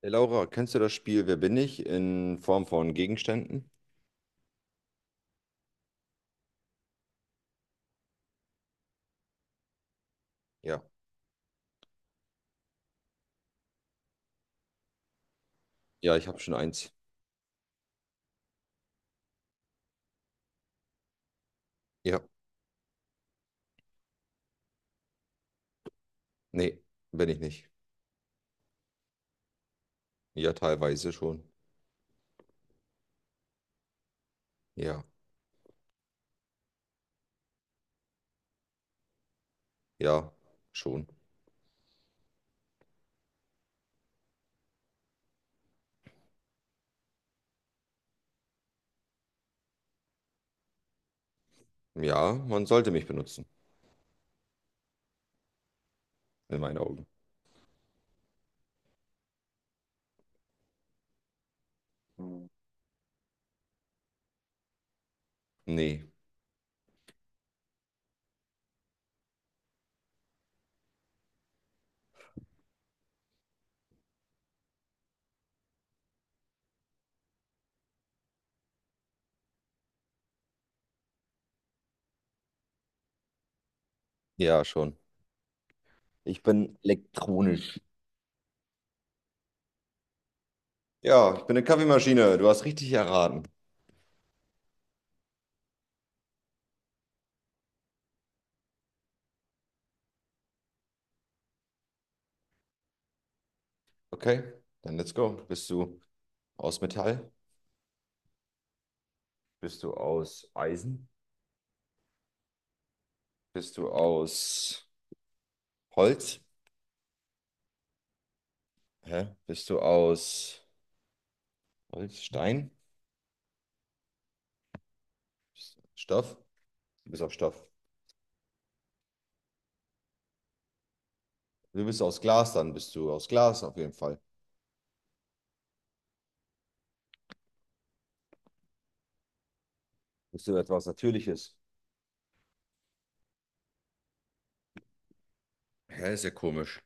Hey Laura, kennst du das Spiel Wer bin ich in Form von Gegenständen? Ja. Ja, ich habe schon eins. Ja. Nee, bin ich nicht. Ja, teilweise schon. Ja. Ja, schon. Ja, man sollte mich benutzen, in meinen Augen. Hm. Nee. Ja, schon. Ich bin elektronisch. Ja, ich bin eine Kaffeemaschine. Du hast richtig erraten. Okay, dann let's go. Bist du aus Metall? Bist du aus Eisen? Bist du aus Holz? Hä? Bist du aus Holz, Stein, Stoff. Du bist auf Stoff. Du bist aus Glas, dann bist du aus Glas auf jeden Fall. Bist du etwas Natürliches? Hä, ist ja komisch.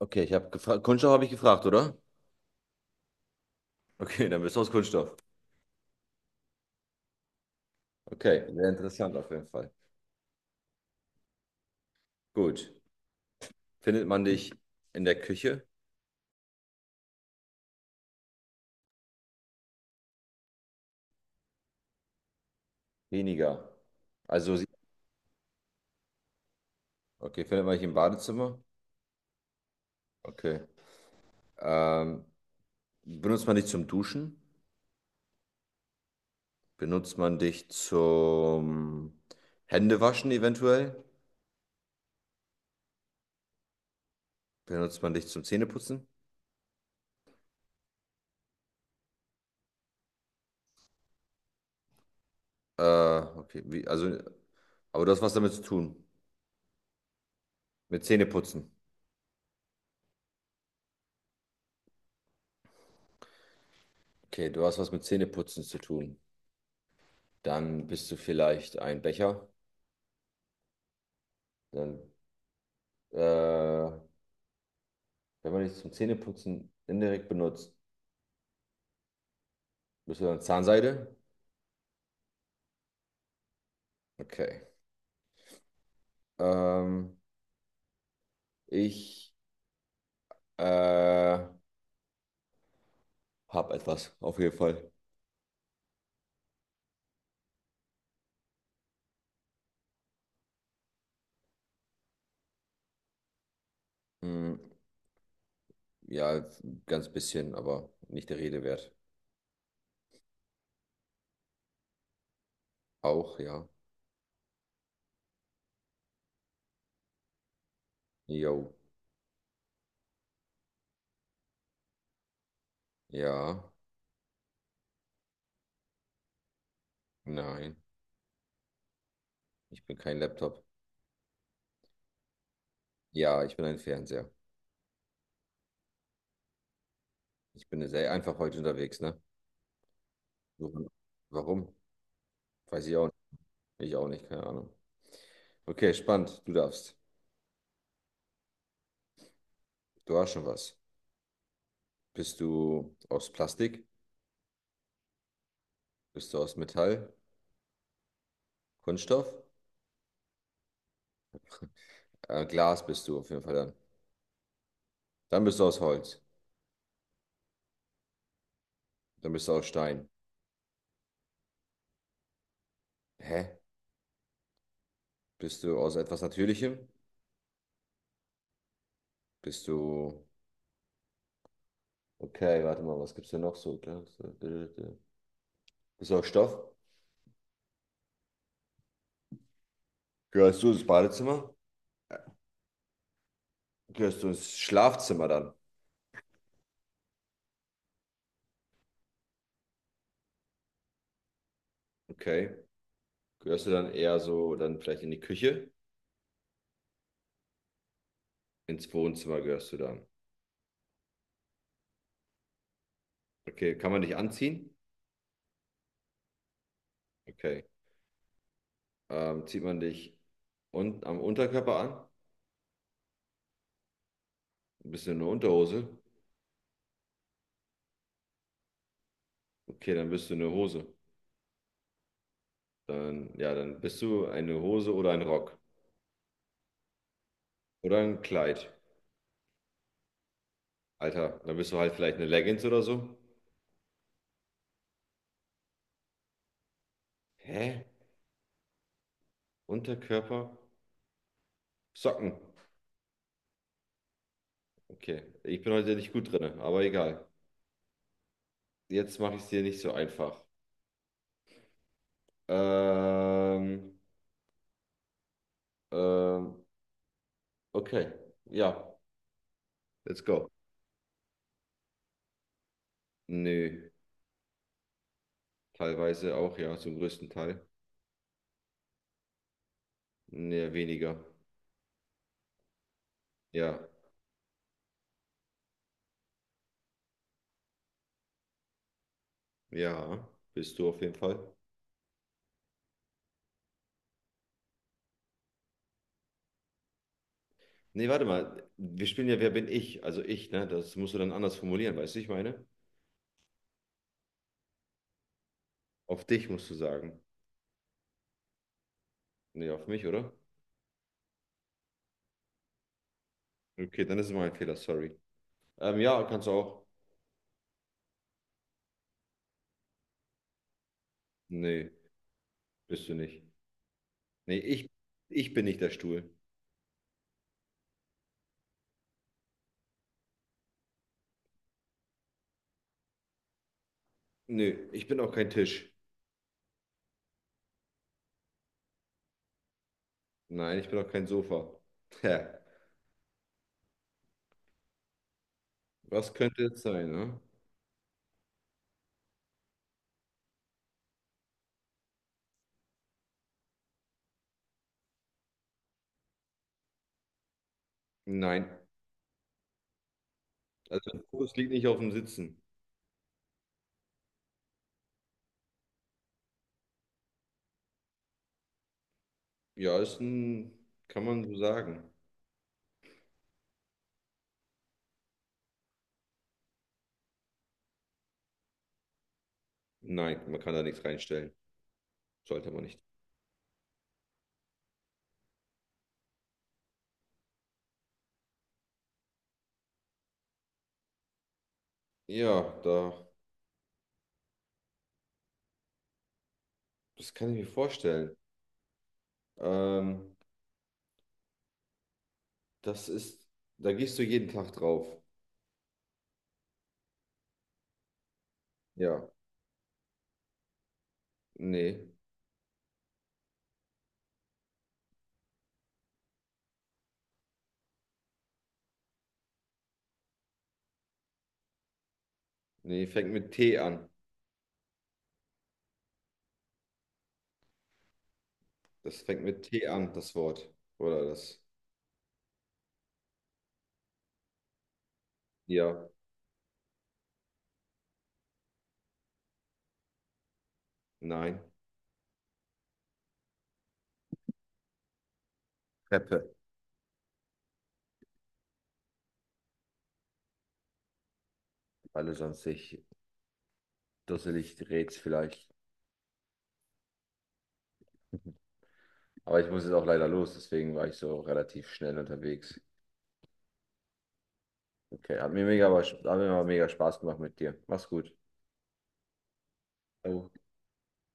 Okay, ich habe gefragt. Kunststoff habe ich gefragt, oder? Okay, dann bist du aus Kunststoff. Okay, sehr interessant auf jeden Fall. Gut. Findet man dich in der Küche? Weniger. Also, sie- okay, findet man dich im Badezimmer? Okay. Ähm, benutzt man dich zum Duschen? Benutzt man dich zum Händewaschen eventuell? Benutzt man dich zum Zähneputzen? Okay, wie, also, aber du hast was damit zu tun. Mit Zähneputzen. Okay, du hast was mit Zähneputzen zu tun. Dann bist du vielleicht ein Becher. Dann, wenn man dich zum Zähneputzen indirekt benutzt, bist du dann Zahnseide? Okay. Ähm, ich äh, habe etwas, auf jeden Fall. Hm, ja, ganz bisschen, aber nicht der Rede wert. Auch, ja. Jo. Ja. Nein, ich bin kein Laptop. Ja, ich bin ein Fernseher. Ich bin sehr einfach heute unterwegs, ne? Warum? Warum? Weiß ich auch nicht. Ich auch nicht, keine Ahnung. Okay, spannend. Du darfst. Du hast schon was. Bist du aus Plastik? Bist du aus Metall? Kunststoff? Glas bist du auf jeden Fall dann. Dann bist du aus Holz. Dann bist du aus Stein. Hä? Bist du aus etwas Natürlichem? Bist du. Okay, warte mal, was gibt's denn noch so? Glas, bist du aus Stoff? Gehörst du ins Badezimmer? Gehörst du ins Schlafzimmer dann? Okay. Gehörst du dann eher so dann vielleicht in die Küche? Ins Wohnzimmer gehörst du dann. Okay, kann man dich anziehen? Okay. Zieht man dich un am Unterkörper an? Bist du eine Unterhose? Okay, dann bist du eine Hose. Dann, ja, dann bist du eine Hose oder ein Rock. Oder ein Kleid. Alter, dann bist du halt vielleicht eine Leggings oder so. Hä? Unterkörper? Socken. Okay, ich bin heute nicht gut drin, aber egal. Jetzt mache ich es dir nicht so einfach. Ähm, ähm, Okay, ja. Let's go. Nö, teilweise auch, ja, zum größten Teil. Nee, weniger. Ja, ja, bist du auf jeden Fall. Nee, warte mal, wir spielen ja Wer bin ich? Also ich, ne? Das musst du dann anders formulieren, weißt du, ich meine? Auf dich musst du sagen. Nee, auf mich, oder? Okay, dann ist es mein Fehler, sorry. Ja, kannst du auch. Nee, bist du nicht. Nee, ich, ich bin nicht der Stuhl. Nö, ich bin auch kein Tisch. Nein, ich bin auch kein Sofa. Tja, was könnte es sein, ne? Nein. Also der Fokus liegt nicht auf dem Sitzen. Ja, ist ein, kann man so sagen. Nein, man kann da nichts reinstellen. Sollte man nicht. Ja, da, das kann ich mir vorstellen. Ähm, das ist, da gehst du jeden Tag drauf. Ja, nee, nee, fängt mit T an. Das fängt mit T an, das Wort. Oder das. Ja, nein. Treppe. Alle sonst sich dusselig dreht's vielleicht. Aber ich muss jetzt auch leider los, deswegen war ich so relativ schnell unterwegs. Okay, hat mir mega Spaß gemacht mit dir. Mach's gut. Ciao.